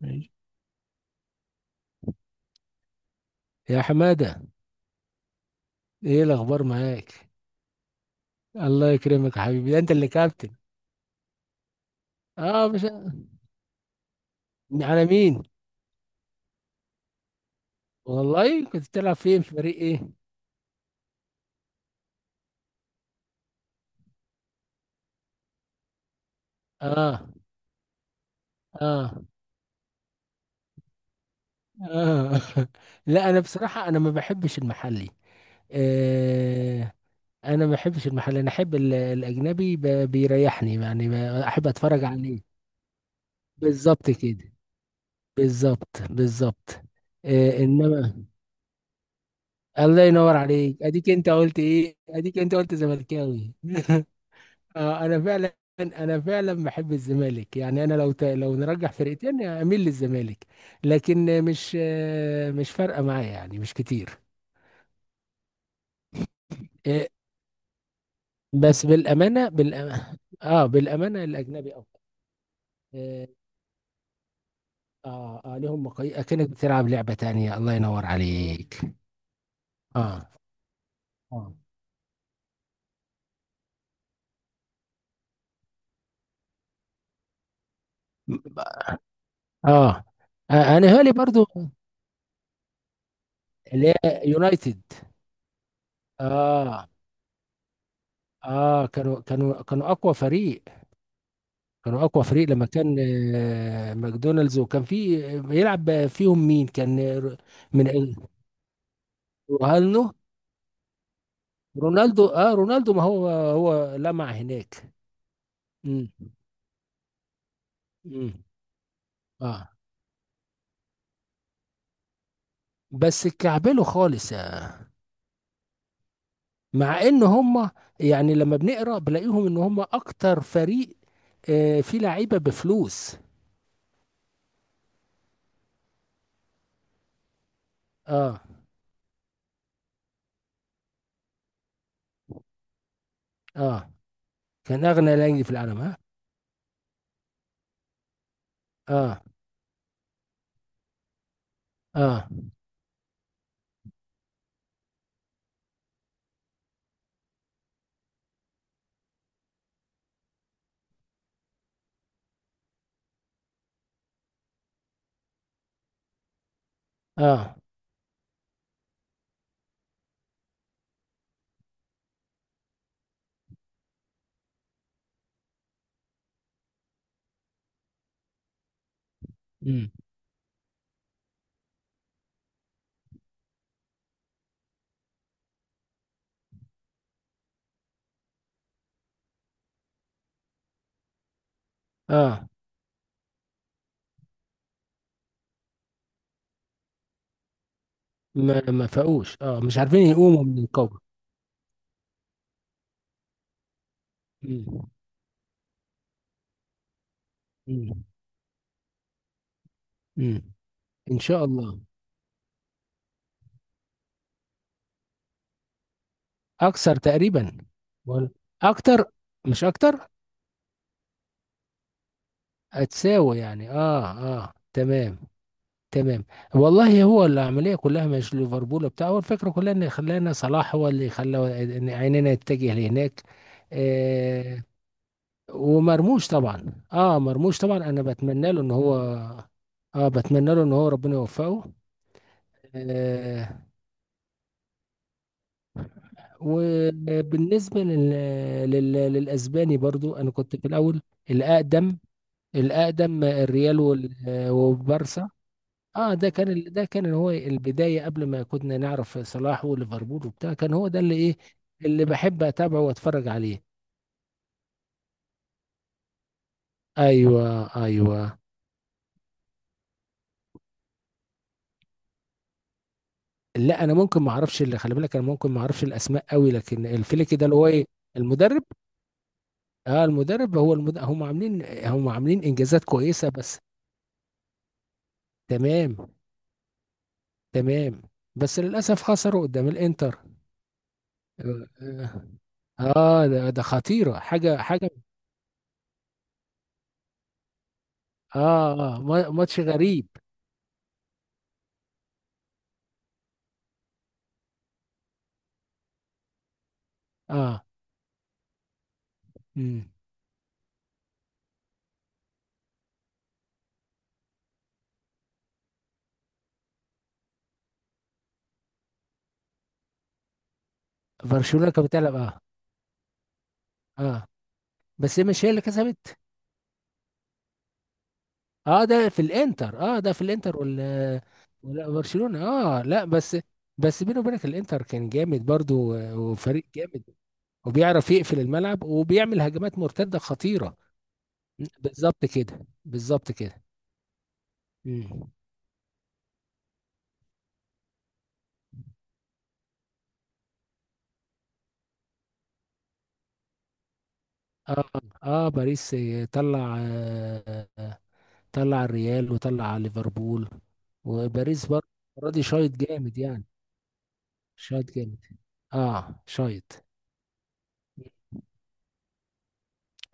ماشي، يا حمادة. ايه الاخبار معاك؟ الله يكرمك يا حبيبي، ده انت اللي كابتن. اه، مش على مين. والله كنت بتلعب فين، في فريق ايه؟ اه، اه، اه. لا، انا بصراحة انا ما بحبش المحلي. آه انا ما بحبش المحلي، انا احب الاجنبي، بيريحني يعني، احب اتفرج عليه. بالظبط كده، بالظبط، بالظبط. آه، انما الله ينور عليك، اديك انت قلت ايه، اديك انت قلت زملكاوي. آه، انا فعلا بحب الزمالك، يعني انا لو لو نرجح فرقتين اميل للزمالك. لكن مش فارقه معايا، يعني مش كتير. آه، بس بالأمانة، اه بالامانه الاجنبي افضل. اه، اه، آه، لهم مقاي اكنك بتلعب لعبه تانية، الله ينور عليك. اه، اه، اه، آه، انا هالي برضو، اللي هي يونايتد. اه، اه، كانوا اقوى فريق. كانوا اقوى فريق لما كان ماكدونالدز، وكان في بيلعب فيهم مين؟ كان من، رونالدو رونالدو. اه، رونالدو، ما هو لمع هناك. امم امم اه، بس كعبله خالص يعني. مع ان هم، يعني لما بنقرا بلاقيهم ان هم اكتر فريق، آه، فيه لعيبه بفلوس. اه، اه، كان اغنى نادي في العالم، ها. اه، اه، اه، امم اه، ما فاقوش، اه، مش عارفين يقوموا من القبر. مم. مم. مم. ان شاء الله، اكثر تقريبا. ولا اكتر، مش اكتر، هتساوي يعني، اه، اه، تمام، تمام. والله هو العمليه كلها مش ليفربول بتاع، هو الفكره كلها ان خلانا صلاح هو اللي خلى إن عيننا يتجه لهناك. آه، ومرموش طبعا. اه، مرموش طبعا، انا بتمنى له ان هو، اه بتمنى له ان هو ربنا يوفقه. آه، وبالنسبة للأسباني برضو، أنا كنت في الأول، الأقدم الأقدم، الريال والبارسا. اه، ده كان هو البداية قبل ما كنا نعرف صلاح وليفربول وبتاع، كان هو ده اللي إيه اللي بحب أتابعه وأتفرج عليه. أيوه، أيوه. لا، أنا ممكن ما أعرفش، اللي خلي بالك، أنا ممكن ما أعرفش الأسماء قوي، لكن الفليك ده اللي هو إيه؟ المدرب. هم عاملين إنجازات كويسة، بس. تمام، تمام، بس للأسف خسروا قدام الإنتر. اه، آه، ده خطيرة، حاجة حاجة. اه، اه، ماتش غريب. اه، امم برشلونة كانت بتلعب، اه. اه، بس هي مش هي اللي كسبت. اه، ده في الانتر، ولا ولا برشلونة، اه، لا بس. بس بيني وبينك الانتر كان جامد برضو، آه، وفريق جامد، وبيعرف يقفل الملعب وبيعمل هجمات مرتدة خطيرة. بالظبط كده، بالظبط كده. مم. اه، اه، باريس، طلع آه آه، طلع الريال وطلع ليفربول، وباريس برضه. المرة دي شايط جامد يعني، شايط جامد، اه، شايط.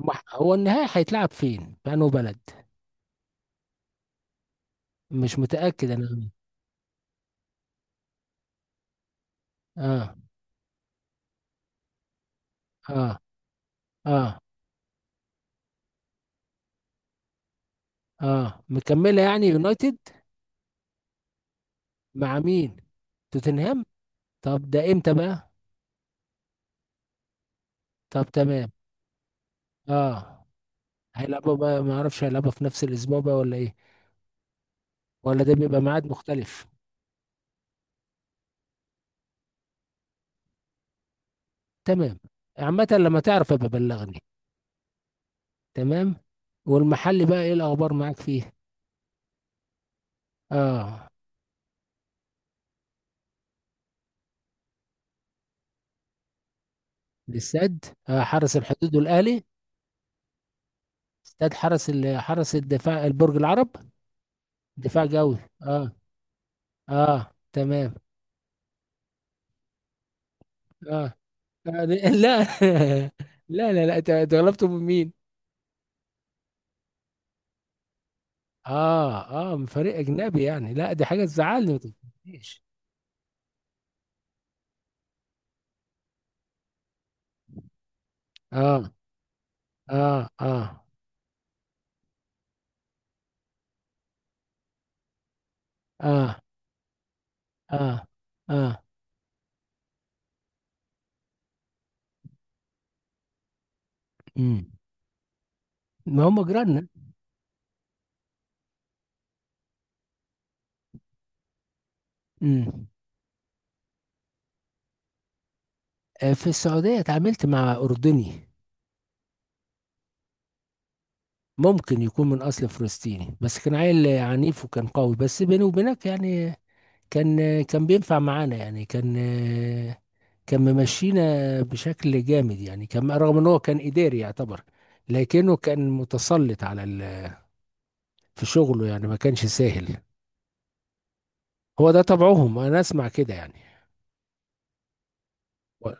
هو النهائي هيتلعب فين؟ في انه بلد؟ مش متأكد انا. اه، اه، اه، اه، مكملة يعني، يونايتد. مع مين؟ توتنهام. طب ده امتى بقى؟ طب تمام، اه، هيلعبوا بقى ما اعرفش هيلعبوا في نفس الاسبوع بقى ولا ايه؟ ولا ده بيبقى ميعاد مختلف؟ تمام، عامة لما تعرف ابقى بلغني. تمام. والمحل بقى ايه الاخبار معاك فيه؟ اه، الاستاد، حرس الحدود والاهلي. استاد حرس الدفاع، البرج العرب، دفاع جوي، اه، اه، تمام، اه، آه، لا. لا، لا، لا، أنت غلبته من مين؟ اه، اه، من فريق اجنبي يعني، لا دي حاجة تزعلني ما تفهمنيش. اه، اه، اه، اه، اه، اه، امم ما هم جيراننا. امم، آه، في السعودية اتعاملت مع أردني. ممكن يكون من أصل فلسطيني، بس كان عيل عنيف وكان قوي، بس بيني وبينك يعني كان بينفع معانا يعني، كان ممشينا بشكل جامد يعني، كان رغم إن هو كان إداري يعتبر، لكنه كان متسلط في شغله يعني، ما كانش سهل. هو ده طبعهم، أنا أسمع كده يعني. و-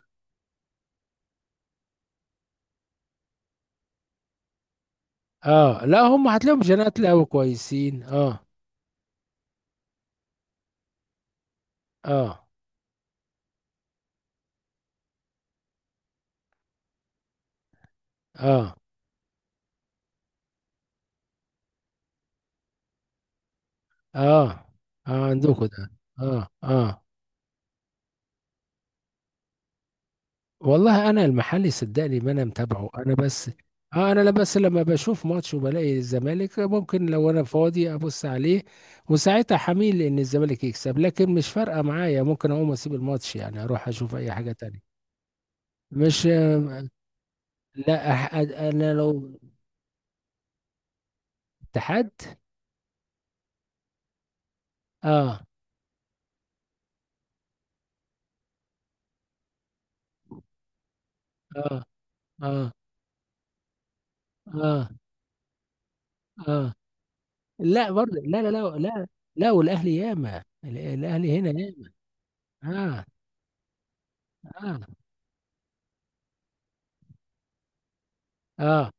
آه، لا هم هتلاقيهم جنات قوي كويسين، آه، آه، آه، آه، آه، عندكم ده، اه، اه. والله انا المحلي صدقني، ما انا متابعه انا، بس اه انا لا، بس لما بشوف ماتش وبلاقي الزمالك ممكن لو انا فاضي ابص عليه، وساعتها حميل ان الزمالك يكسب، لكن مش فارقه معايا، ممكن اقوم اسيب الماتش يعني اروح اشوف اي حاجه تانية. مش، لا، انا لو اتحاد. اه، اه، اه، اه، اه، لا برضه، لا، لا، لا، لا. لا، والاهلي ياما، الاهلي هنا ياما. اه، اه، اه،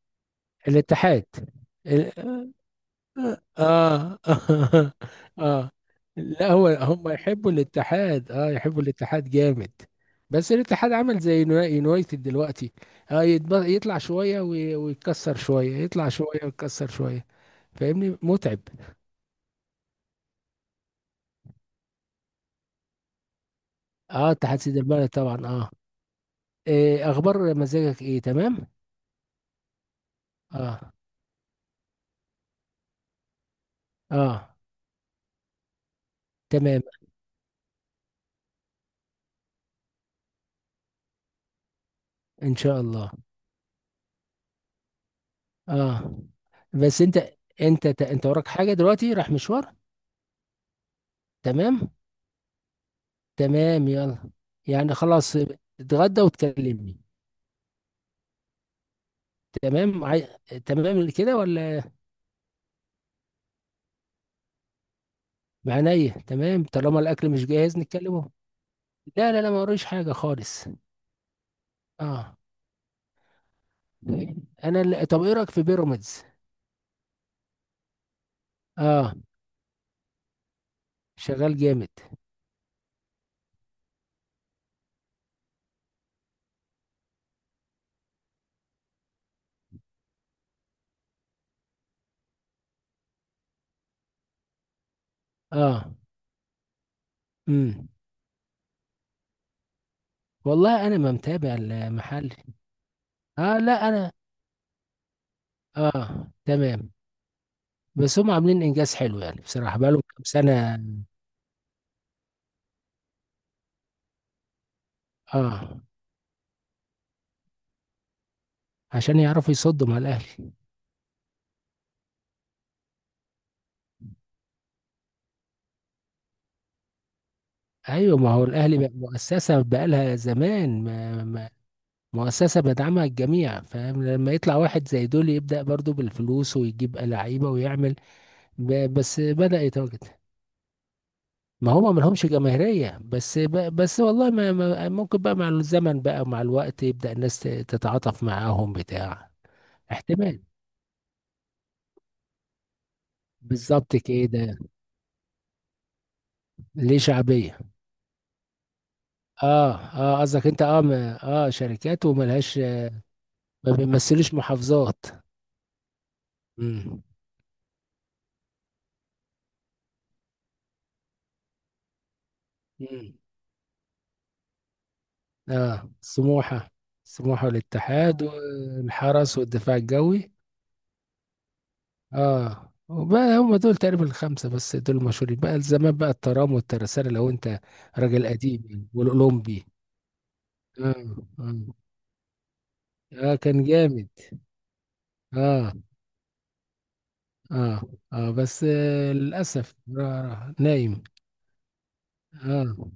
الاتحاد، اه. اه، اه، لا هو هم يحبوا الاتحاد، يحبوا الاتحاد جامد. بس الاتحاد عمل زي يونايتد دلوقتي، اه، يطلع شوية ويتكسر شوية، يطلع شوية ويتكسر شوية. فاهمني، متعب. اه، اتحاد سيد البلد طبعا، اه. إيه اخبار مزاجك؟ ايه تمام. اه، اه، تمام، ان شاء الله، اه، بس انت وراك حاجة دلوقتي، رايح مشوار؟ تمام، تمام، يلا يعني، خلاص. اتغدى وتكلمني. تمام، تمام كده ولا؟ معنية تمام، طالما الأكل مش جاهز نتكلمه. لا، لا، لا، ما وريش حاجة خالص. اه، طب إيه رأيك في بيراميدز؟ اه، شغال جامد، اه، امم والله أنا ما متابع المحل. اه، لا أنا، اه، تمام. بس هم عاملين إنجاز حلو يعني، بصراحة بقالهم كام سنة. اه، عشان يعرفوا يصدوا مع الأهلي. ايوه، ما هو الاهلي بقى مؤسسه بقالها زمان، ما مؤسسه بدعمها الجميع، فاهم؟ لما يطلع واحد زي دول يبدا برضو بالفلوس ويجيب لعيبه ويعمل، بس بدا يتواجد. ما هما ما لهمش جماهيريه، بس بس والله ممكن بقى مع الزمن بقى ومع الوقت يبدا الناس تتعاطف معاهم بتاع. احتمال، بالظبط كده، ليه شعبيه. اه، اه، قصدك انت، اه، شركات وملهاش، ما بيمثلوش محافظات. امم، امم. اه، السموحة، السموحة والاتحاد، آه، والحرس والدفاع الجوي. اه، وبقى هم دول تقريبا الخمسة، بس دول المشهورين بقى، زمان بقى الترام والترسانة، لو انت راجل قديم يعني، والأولمبي. اه، اه، اه، كان جامد، اه، اه، اه، بس آه، للأسف، آه، نايم. اه،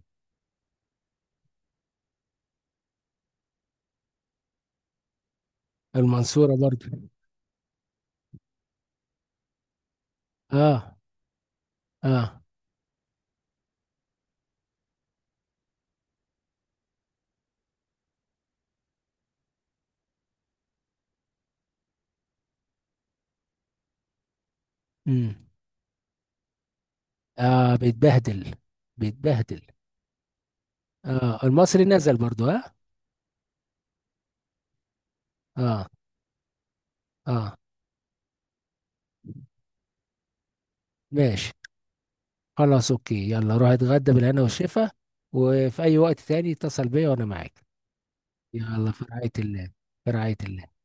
المنصورة برضو، اه، اه، امم اه، بيتبهدل، بيتبهدل. اه، المصري نزل برضو، ها. اه، اه، ماشي، خلاص، اوكي، يلا روح اتغدى بالهنا والشفا. وفي اي وقت تاني اتصل بيا وانا معاك. يلا، في رعاية الله. في رعاية الله.